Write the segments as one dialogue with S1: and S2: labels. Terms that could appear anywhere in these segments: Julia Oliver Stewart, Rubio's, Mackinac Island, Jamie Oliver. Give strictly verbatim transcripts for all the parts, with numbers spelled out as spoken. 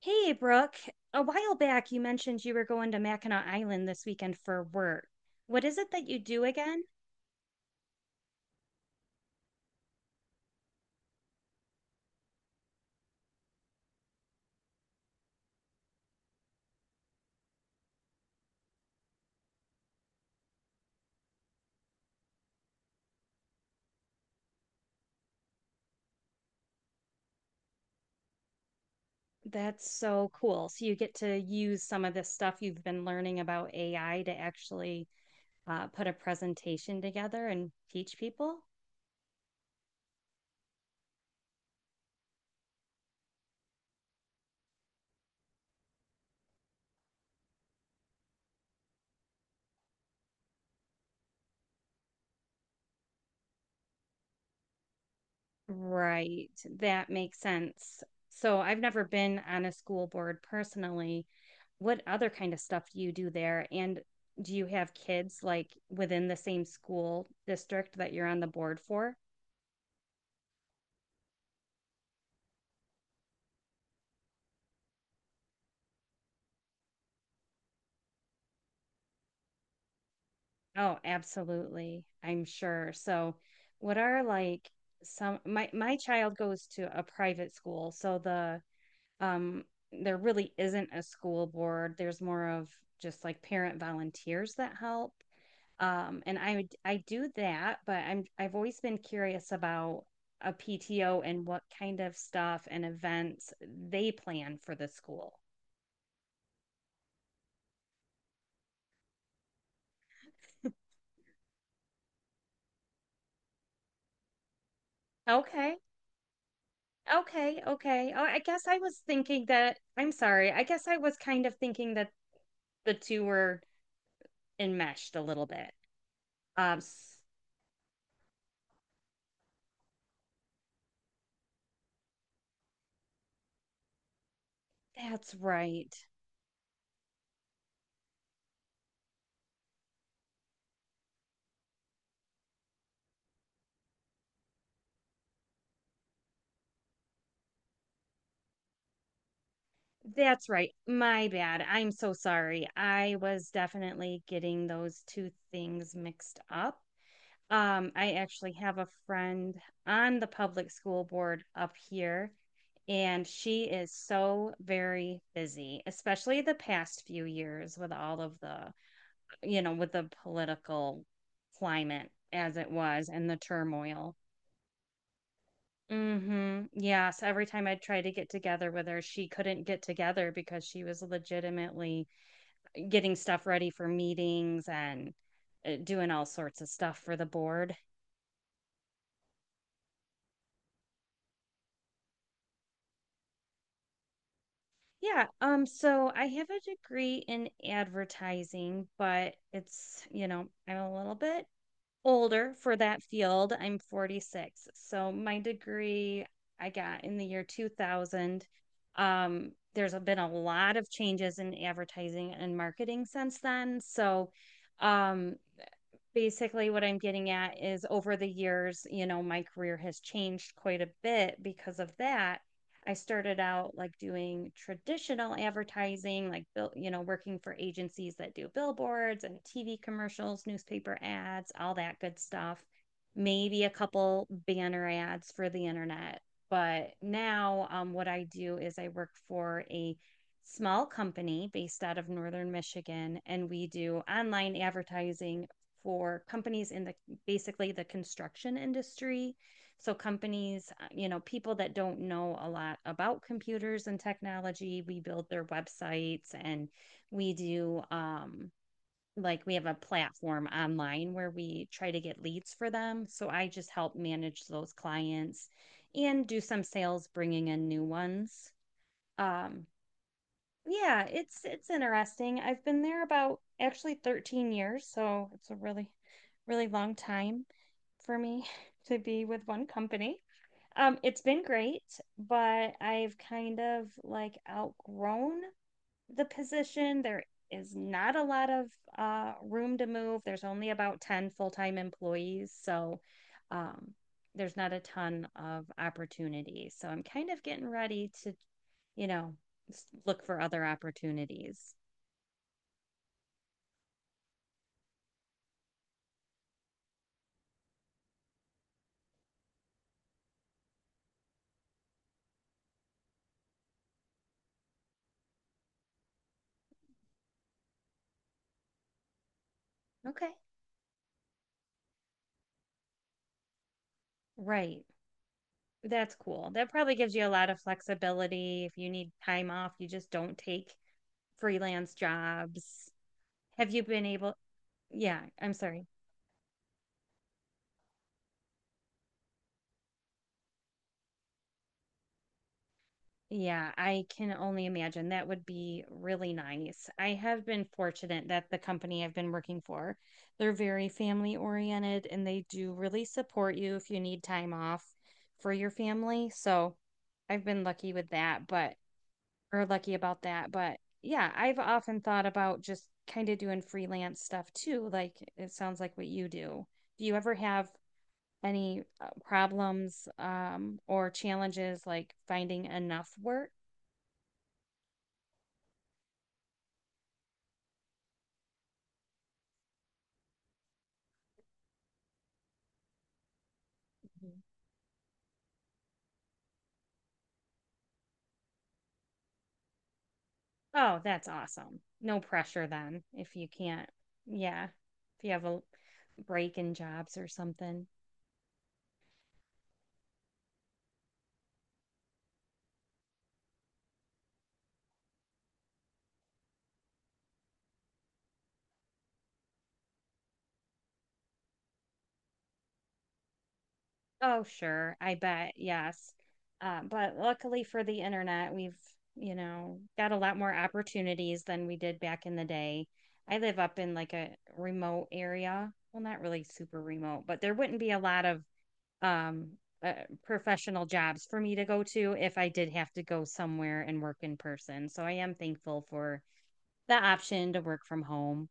S1: Hey, Brooke. A while back, you mentioned you were going to Mackinac Island this weekend for work. What is it that you do again? That's so cool. So you get to use some of this stuff you've been learning about A I to actually uh, put a presentation together and teach people? Right. That makes sense. So I've never been on a school board personally. What other kind of stuff do you do there? And do you have kids like within the same school district that you're on the board for? Oh, absolutely. I'm sure. So, what are like some my my child goes to a private school, so the um there really isn't a school board. There's more of just like parent volunteers that help. Um and I would- I do that, but I'm I've always been curious about a P T O and what kind of stuff and events they plan for the school. Okay. Okay, okay. Oh, I guess I was thinking that, I'm sorry. I guess I was kind of thinking that the two were enmeshed a little bit. Um, s- that's right. That's right. My bad. I'm so sorry. I was definitely getting those two things mixed up. Um, I actually have a friend on the public school board up here, and she is so very busy, especially the past few years with all of the you know, with the political climate as it was and the turmoil. Mm-hmm. Yes. Every time I tried to get together with her, she couldn't get together because she was legitimately getting stuff ready for meetings and uh, doing all sorts of stuff for the board. Yeah. Um, so I have a degree in advertising, but it's, you know, I'm a little bit older for that field. I'm forty-six. So my degree I got in the year two thousand. Um, there's been a lot of changes in advertising and marketing since then. So um, basically what I'm getting at is over the years, you know, my career has changed quite a bit because of that. I started out like doing traditional advertising, like bill- you know, working for agencies that do billboards and T V commercials, newspaper ads, all that good stuff. Maybe a couple banner ads for the internet. But now, um, what I do is I work for a small company based out of Northern Michigan, and we do online advertising for companies in the basically the construction industry. So companies, uh, you know, people that don't know a lot about computers and technology, we build their websites and we do um like we have a platform online where we try to get leads for them. So I just help manage those clients and do some sales bringing in new ones. Um yeah, it's it's interesting. I've been there about actually thirteen years, so it's a really, really long time for me to be with one company. Um, it's been great, but I've kind of like outgrown the position. There is not a lot of uh, room to move. There's only about ten full time employees. So um, there's not a ton of opportunity. So I'm kind of getting ready to, you know, s- look for other opportunities. Okay. Right. That's cool. That probably gives you a lot of flexibility. If you need time off, you just don't take freelance jobs. Have you been able? Yeah, I'm sorry. Yeah, I can only imagine. That would be really nice. I have been fortunate that the company I've been working for, they're very family oriented and they do really support you if you need time off for your family. So I've been lucky with that, but or lucky about that. But yeah, I've often thought about just kind of doing freelance stuff too. Like it sounds like what you do. Do you ever have any uh, problems um, or challenges like finding enough work? Oh, that's awesome. No pressure then if you can't. Yeah. If you have a break in jobs or something. Oh, sure. I bet. Yes. Uh, but luckily for the internet, we've, you know, got a lot more opportunities than we did back in the day. I live up in like a remote area. Well, not really super remote, but there wouldn't be a lot of um, uh, professional jobs for me to go to if I did have to go somewhere and work in person. So I am thankful for the option to work from home.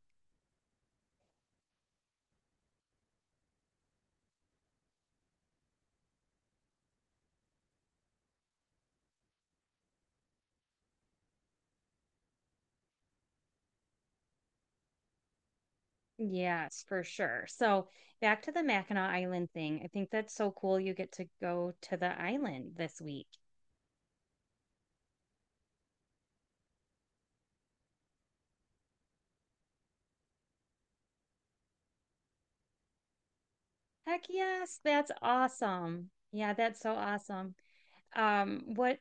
S1: Yes, for sure. So back to the Mackinac Island thing. I think that's so cool. You get to go to the island this week. Heck yes, that's awesome. Yeah, that's so awesome. Um, what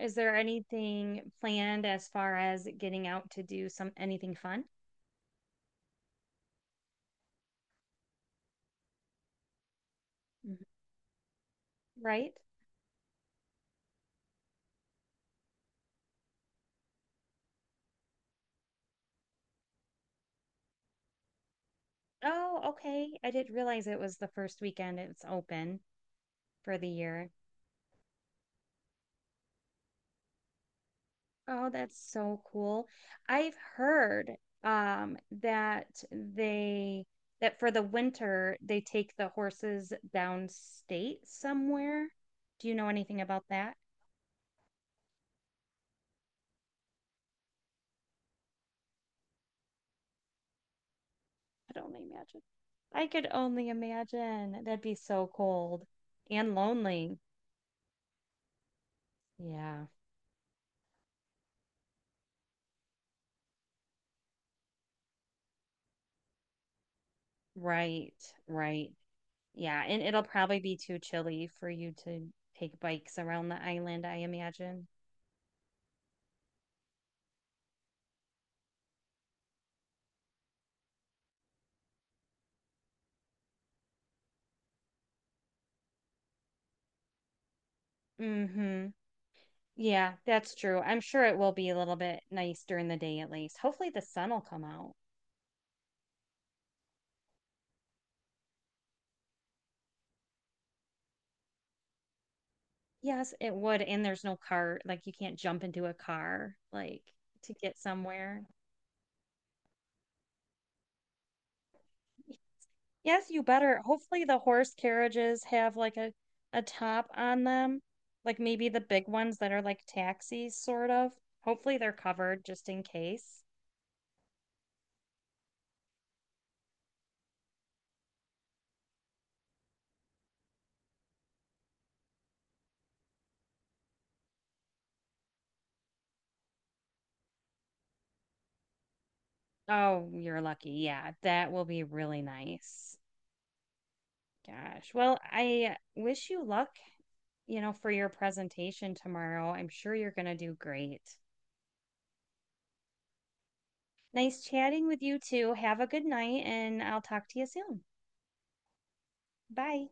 S1: is there anything planned as far as getting out to do some anything fun? Mhm. Right? Oh, okay. I didn't realize it was the first weekend it's open for the year. Oh, that's so cool. I've heard um that they that for the winter they take the horses downstate somewhere. Do you know anything about that? I could only imagine. I could only imagine. That'd be so cold and lonely. Yeah, right, right. Yeah, and it'll probably be too chilly for you to take bikes around the island, I imagine. Mm-hmm. Yeah, that's true. I'm sure it will be a little bit nice during the day at least. Hopefully the sun will come out. Yes, it would. And there's no car, like you can't jump into a car like to get somewhere. Yes, you better. Hopefully the horse carriages have like a a top on them. Like maybe the big ones that are like taxis sort of. Hopefully they're covered just in case. Oh, you're lucky. Yeah, that will be really nice. Gosh. Well, I wish you luck you know, for your presentation tomorrow. I'm sure you're going to do great. Nice chatting with you too. Have a good night, and I'll talk to you soon. Bye.